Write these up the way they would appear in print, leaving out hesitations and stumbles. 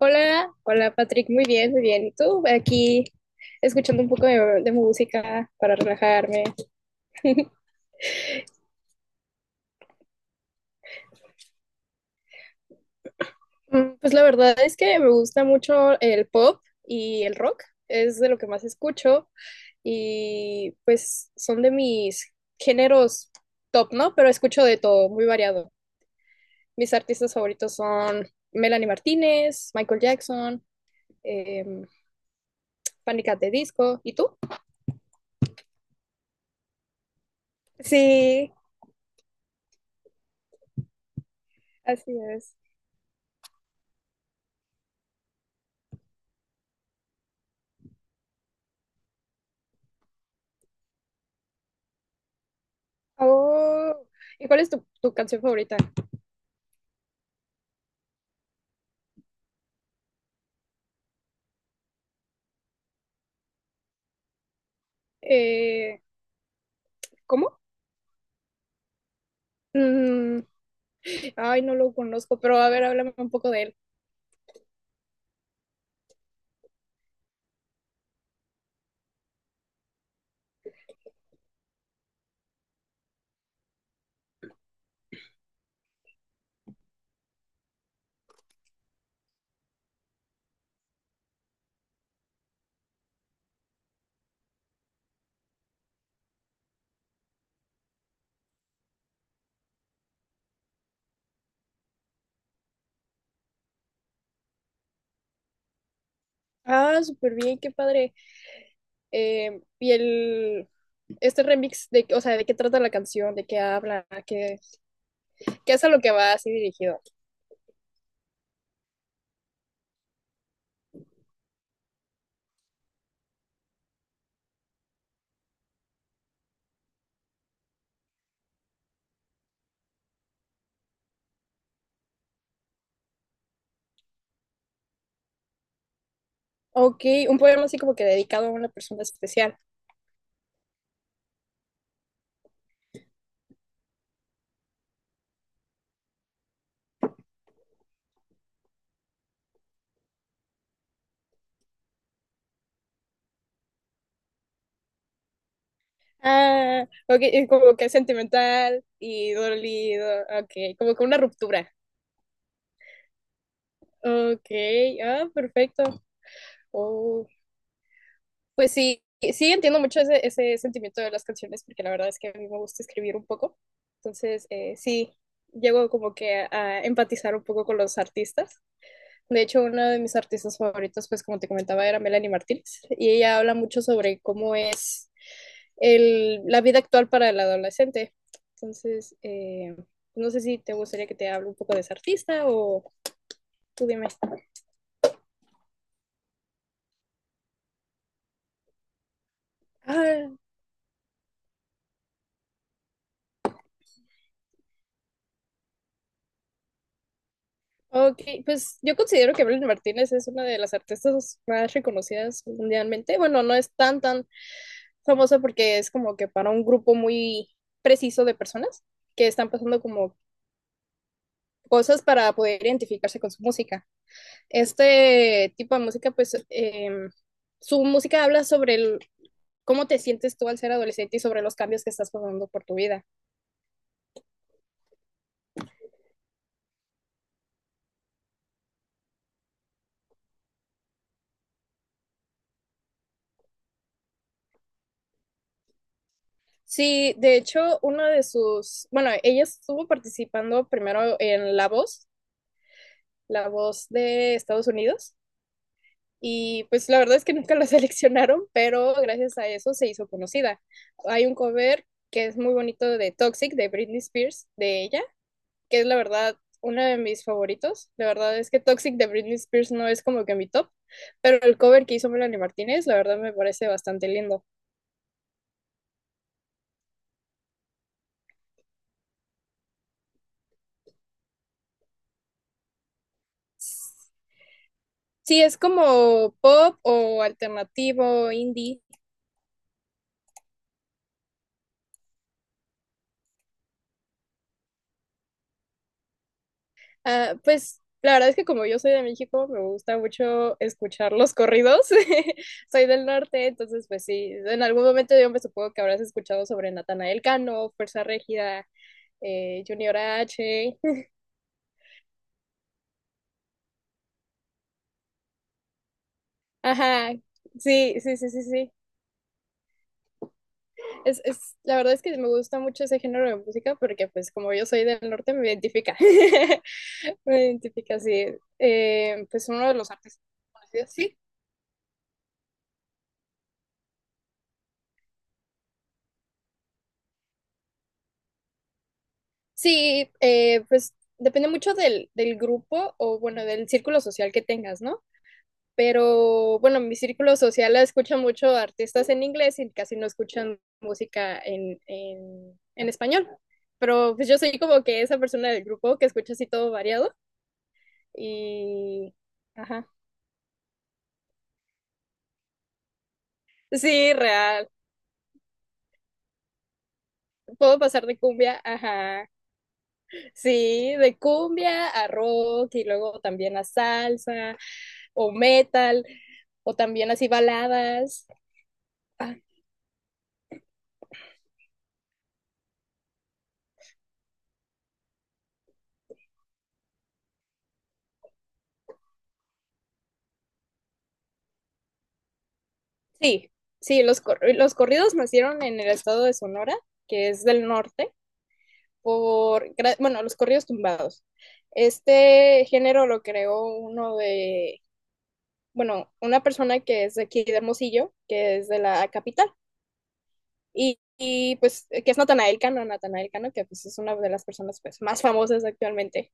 Hola, hola Patrick, muy bien, muy bien. ¿Y tú? Aquí escuchando un poco de música para relajarme. Pues la verdad es que me gusta mucho el pop y el rock, es de lo que más escucho y pues son de mis géneros top, ¿no? Pero escucho de todo, muy variado. Mis artistas favoritos son Melanie Martínez, Michael Jackson, eh, Panic! At the Disco. ¿Y tú? Sí, así es. Oh, ¿y cuál es tu canción favorita? Eh, ¿Cómo? Mm, ay, no lo conozco, pero a ver, háblame un poco de él. Ah, súper bien, qué padre. Eh, y el, este remix de, o sea, ¿de qué trata la canción? ¿De qué habla? ¿Qué? Que es a lo que va así dirigido. Ok, un poema así como que dedicado a una persona especial. Ah, ok, es como que sentimental y dolido. Ok, como que una ruptura. Ok, ah, perfecto. Oh. Pues sí, sí entiendo mucho ese sentimiento de las canciones, porque la verdad es que a mí me gusta escribir un poco. Entonces, sí, llego como que a empatizar un poco con los artistas. De hecho, una de mis artistas favoritos, pues como te comentaba, era Melanie Martínez, y ella habla mucho sobre cómo es la vida actual para el adolescente. Entonces, no sé si te gustaría que te hable un poco de esa artista o tú dime. Ah, ok, pues yo considero que Evelyn Martínez es una de las artistas más reconocidas mundialmente. Bueno, no es tan famosa porque es como que para un grupo muy preciso de personas que están pasando como cosas para poder identificarse con su música. Este tipo de música, pues su música habla sobre el- cómo te sientes tú al ser adolescente y sobre los cambios que estás pasando por tu vida. Sí, de hecho, una de sus, bueno, ella estuvo participando primero en La Voz, La Voz de Estados Unidos, y pues la verdad es que nunca la seleccionaron, pero gracias a eso se hizo conocida. Hay un cover que es muy bonito de Toxic, de Britney Spears, de ella, que es la verdad uno de mis favoritos. La verdad es que Toxic de Britney Spears no es como que mi top, pero el cover que hizo Melanie Martínez, la verdad me parece bastante lindo. Sí, es como pop o alternativo, indie. Ah, pues la verdad es que como yo soy de México, me gusta mucho escuchar los corridos. Soy del norte, entonces pues sí, en algún momento yo me supongo que habrás escuchado sobre Natanael Cano, Fuerza Régida, Junior H. Ajá, sí, sí, sí, sí, sí. La verdad es que me gusta mucho ese género de música porque pues como yo soy del norte me identifica. Me identifica, sí. Pues uno de los artistas conocidos, sí. Sí, pues depende mucho del grupo o bueno, del círculo social que tengas, ¿no? Pero bueno, mi círculo social escucha mucho artistas en inglés y casi no escuchan música en español. Pero pues yo soy como que esa persona del grupo que escucha así todo variado y... Ajá. Sí, real. Puedo pasar de cumbia, ajá. Sí, de cumbia a rock y luego también a salsa, o metal, o también así baladas. Ah, sí, sí, cor- los corridos nacieron en el estado de Sonora, que es del norte, por, gra- bueno, los corridos tumbados. Este género lo creó uno de, bueno, una persona que es de aquí de Hermosillo, que es de la capital. Pues, que es Natanael Cano, Natanael Cano, que pues es una de las personas pues, más famosas actualmente.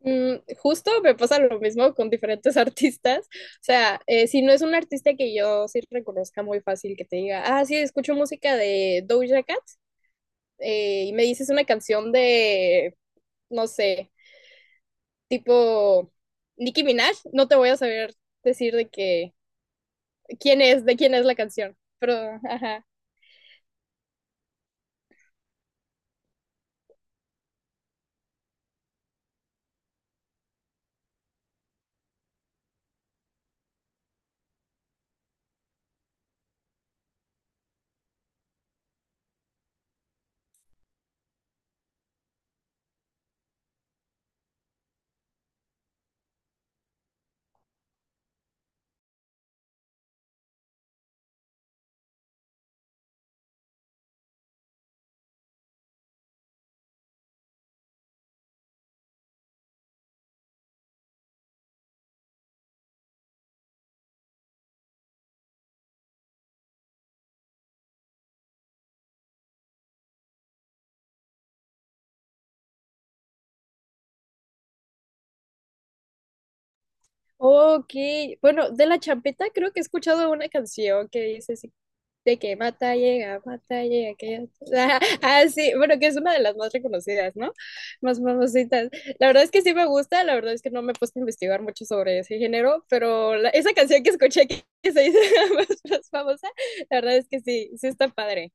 Mm, justo me pasa lo mismo con diferentes artistas. O sea, si no es un artista que yo sí reconozca muy fácil, que te diga, ah, sí, escucho música de Doja Cat, y me dices una canción de, no sé, tipo Nicki Minaj, no te voy a saber decir de qué, quién es, de quién es la canción. Pero, ajá. Ok, bueno, de La Champeta creo que he escuchado una canción que dice de que mata, llega, que ya- ah, ah, sí, bueno, que es una de las más reconocidas, ¿no? Más famositas. La verdad es que sí me gusta, la verdad es que no me he puesto a investigar mucho sobre ese género, pero la- esa canción que escuché que se dice más famosa, la verdad es que sí, sí está padre.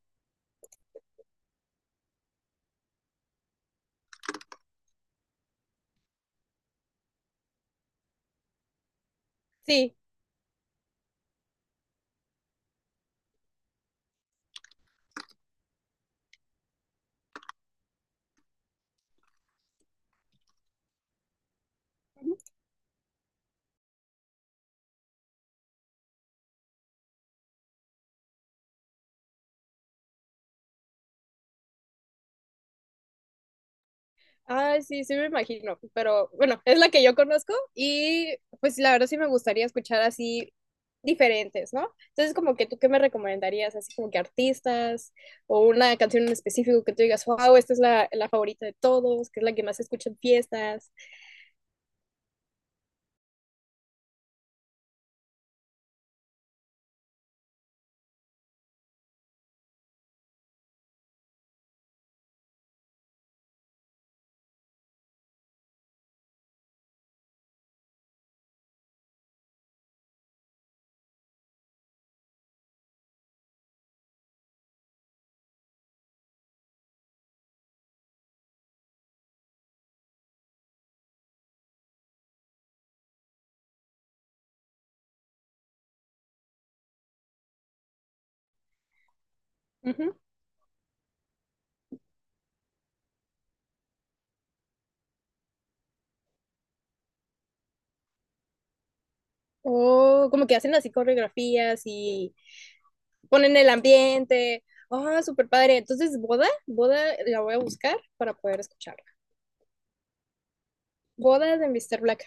Sí, ay, sí, sí me imagino, pero bueno, es la que yo conozco y pues la verdad sí me gustaría escuchar así diferentes, ¿no? Entonces como que tú qué me recomendarías, así como que artistas o una canción en específico que tú digas, wow, esta es la favorita de todos, que es la que más se escucha en fiestas. Ujú. O como que hacen así coreografías y ponen el ambiente. Oh, súper padre. Entonces, boda, boda la voy a buscar para poder escucharla. Boda de Mr. Black.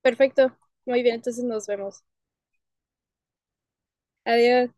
Perfecto. Muy bien, entonces nos vemos. Adiós.